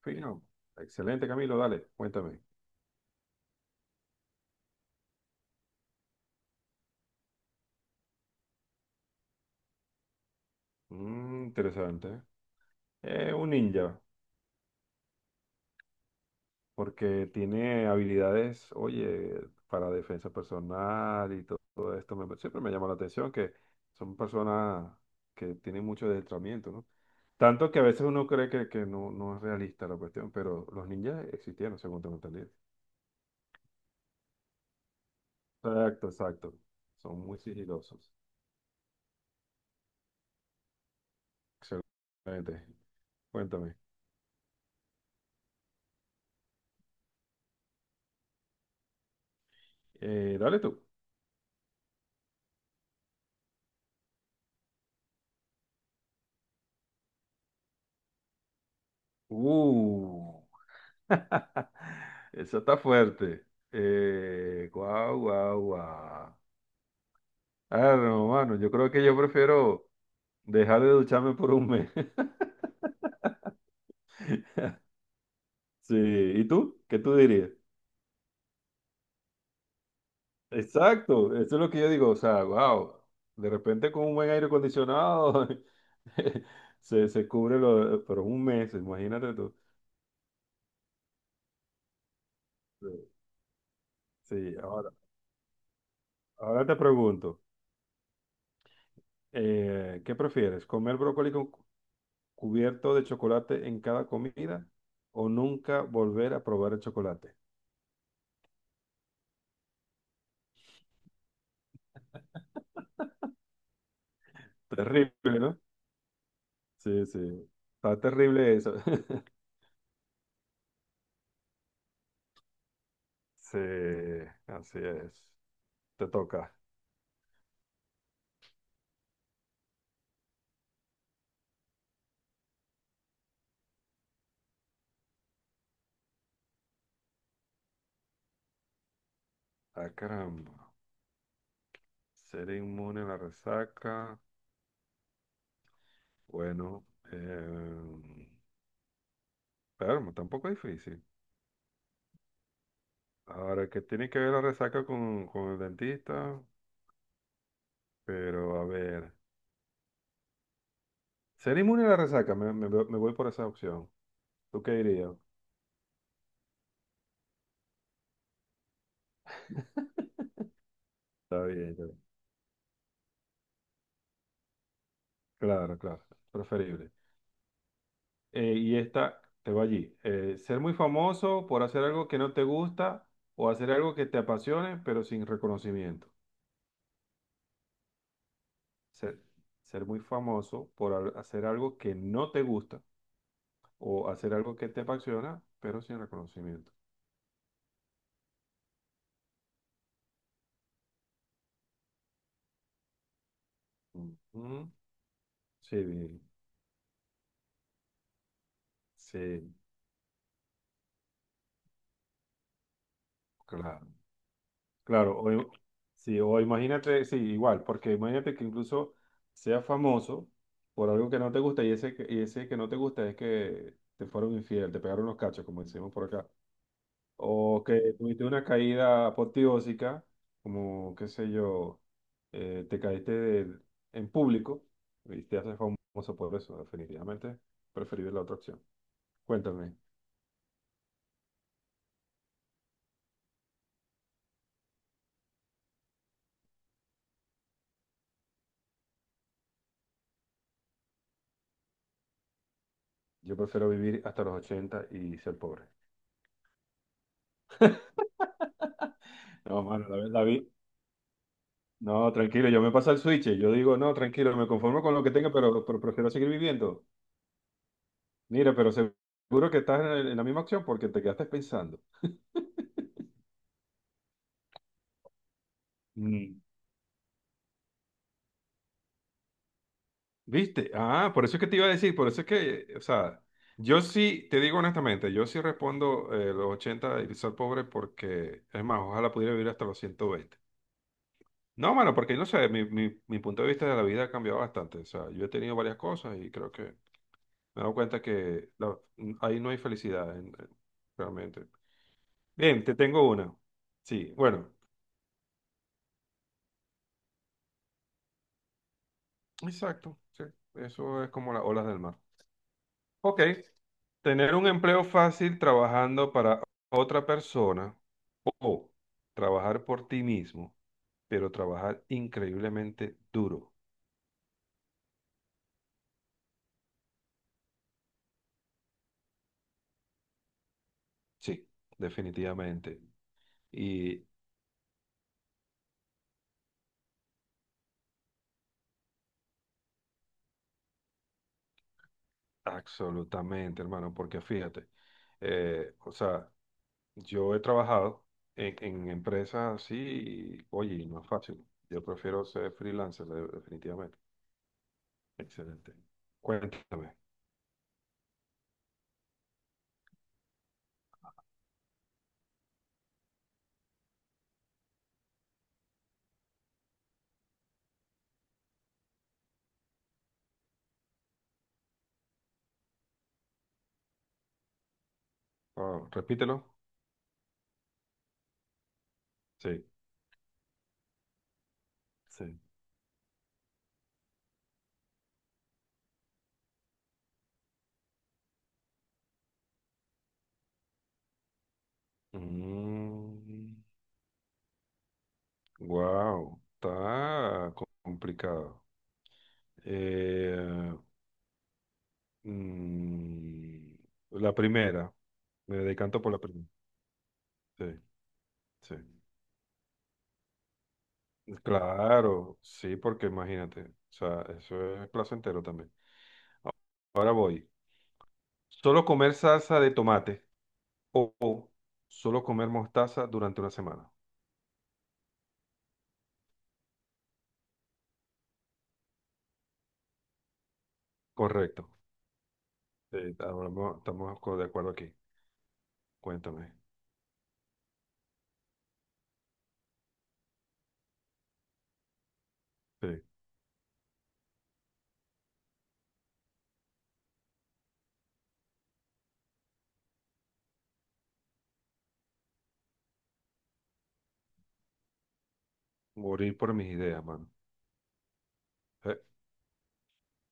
Fino. Excelente, Camilo, dale, cuéntame. Interesante. Es un ninja, porque tiene habilidades, oye, para defensa personal y todo, esto. Siempre me llama la atención que son personas que tienen mucho adentramiento, ¿no? Tanto que a veces uno cree que no, no es realista la cuestión, pero los ninjas existieron, según tengo entendido. Exacto, exacto. Son muy sigilosos. Excelente. Cuéntame. Dale tú. Uh. Eso está fuerte. Guau, guau, guau. Ah, no, mano, yo creo que yo prefiero dejar de ducharme por un mes. Sí, ¿y tú? ¿Qué tú dirías? Exacto, eso es lo que yo digo, o sea, wow, de repente con un buen aire acondicionado se cubre lo, por un mes, imagínate tú. Sí, sí, ahora, ahora te pregunto, ¿qué prefieres? ¿Comer brócoli con, cubierto de chocolate en cada comida o nunca volver a probar el chocolate? Terrible, ¿no? Sí, sí. Está terrible eso. Sí, así es. Te toca. Ah, caramba. Ser inmune a la resaca. Bueno, eh, pero tampoco es difícil. Ahora, ¿que tiene que ver la resaca con el dentista? Pero a ver. Ser inmune a la resaca, me voy por esa opción. ¿Tú qué dirías? Está bien, está bien. Claro, claro, preferible. Y esta, te va allí. Ser muy famoso por hacer algo que no te gusta o hacer algo que te apasione, pero sin reconocimiento. Ser, ser muy famoso por hacer algo que no te gusta o hacer algo que te apasiona, pero sin reconocimiento. Ujú. Sí, bien. Sí, claro. Claro, sí, o imagínate, sí, igual, porque imagínate que incluso seas famoso por algo que no te gusta y ese, y ese que no te gusta es que te fueron infiel, te pegaron los cachos, como decimos por acá, o que tuviste una caída apoteósica, como, qué sé yo, te caíste en público y te haces famoso por eso, definitivamente preferible la otra opción. Cuéntame, yo prefiero vivir hasta los 80 y ser pobre. No, mano, no, tranquilo, yo me paso al switch. Yo digo, no, tranquilo, me conformo con lo que tenga, pero prefiero seguir viviendo. Mira, pero seguro que estás en, en la misma opción porque te quedaste pensando. Mm, ¿Viste? Ah, por eso es que te iba a decir, por eso es que, o sea, yo sí, te digo honestamente, yo sí respondo los 80 y ser pobre porque, es más, ojalá pudiera vivir hasta los 120. No, mano, porque no sé, mi punto de vista de la vida ha cambiado bastante. O sea, yo he tenido varias cosas y creo que me he dado cuenta que ahí no hay felicidad, realmente. Bien, te tengo una. Sí, bueno, exacto. Sí, eso es como las olas del mar. Ok, tener un empleo fácil trabajando para otra persona o trabajar por ti mismo, pero trabajar increíblemente duro. Sí, definitivamente. Y. Absolutamente, hermano, porque fíjate, o sea, yo he trabajado en empresas así, y, oye, y no es fácil. Yo prefiero ser freelancer, definitivamente. Excelente. Cuéntame. Oh, repítelo. Sí. Sí. Wow, está complicado. Eh, mm, la primera, me decanto por la primera. Sí, sí. Claro, sí, porque imagínate, o sea, eso es placentero también. A- Ahora voy. Solo comer salsa de tomate o solo comer mostaza durante una semana. Correcto. Sí, ahora estamos de acuerdo aquí. Cuéntame. Sí. Morir por mis ideas, mano. Eh,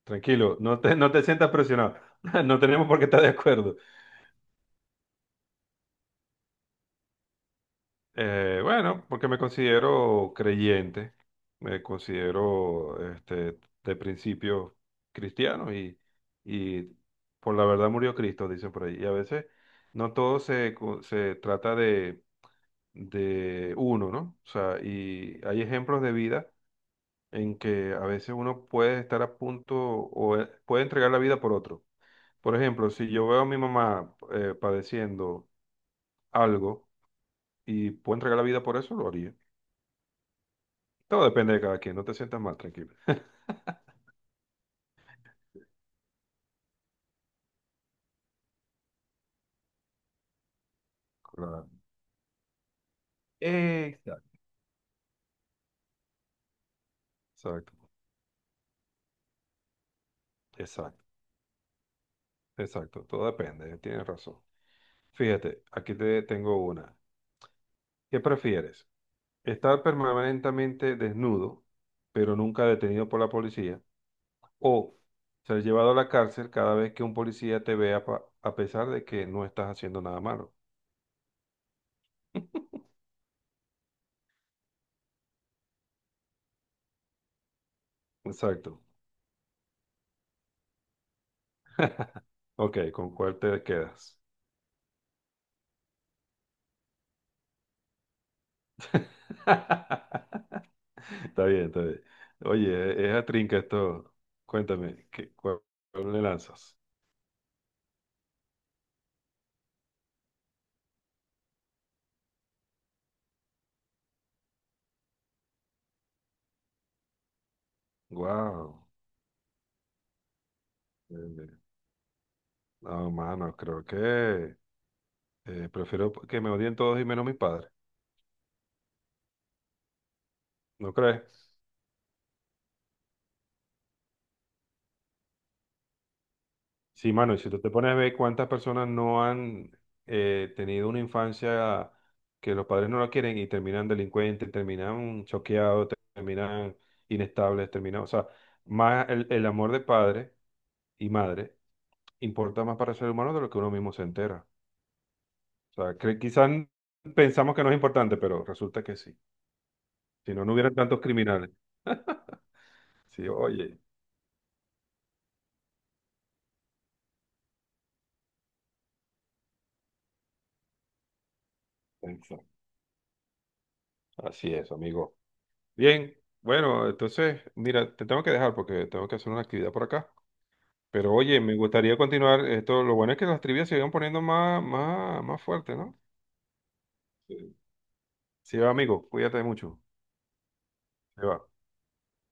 Tranquilo, no te, no te sientas presionado. No tenemos por qué estar de acuerdo. Bueno, porque me considero creyente, me considero este, de principio cristiano y por la verdad murió Cristo, dicen por ahí. Y a veces no todo se trata de uno, ¿no? O sea, y hay ejemplos de vida en que a veces uno puede estar a punto o puede entregar la vida por otro. Por ejemplo, si yo veo a mi mamá padeciendo algo y puedo entregar la vida por eso, lo haría. Todo depende de cada quien, no te sientas mal, tranquilo. Claro. Exacto. Exacto, exacto, exacto, todo depende, tienes razón. Fíjate, aquí te tengo una. ¿Qué prefieres? ¿Estar permanentemente desnudo, pero nunca detenido por la policía? ¿O ser llevado a la cárcel cada vez que un policía te vea a pesar de que no estás haciendo nada malo? Exacto. Ok, ¿con cuál te quedas? Está bien, está bien. Oye, es a trinca esto. Cuéntame, ¿qué, cuál le lanzas? Wow. No, mano, creo que prefiero que me odien todos y menos mis padres. ¿No crees? Sí, mano, y si tú te pones a ver cuántas personas no han tenido una infancia que los padres no la quieren y terminan delincuentes, terminan choqueados, terminan inestables, terminan, o sea, más el amor de padre y madre importa más para el ser humano de lo que uno mismo se entera. O sea, que quizás pensamos que no es importante, pero resulta que sí. Si no, no hubieran tantos criminales. Sí, oye, eso. Así es, amigo. Bien, bueno, entonces, mira, te tengo que dejar porque tengo que hacer una actividad por acá. Pero oye, me gustaría continuar esto. Lo bueno es que las trivias se van poniendo más, más, más fuertes, ¿no? Sí, va, amigo, cuídate mucho. Se va.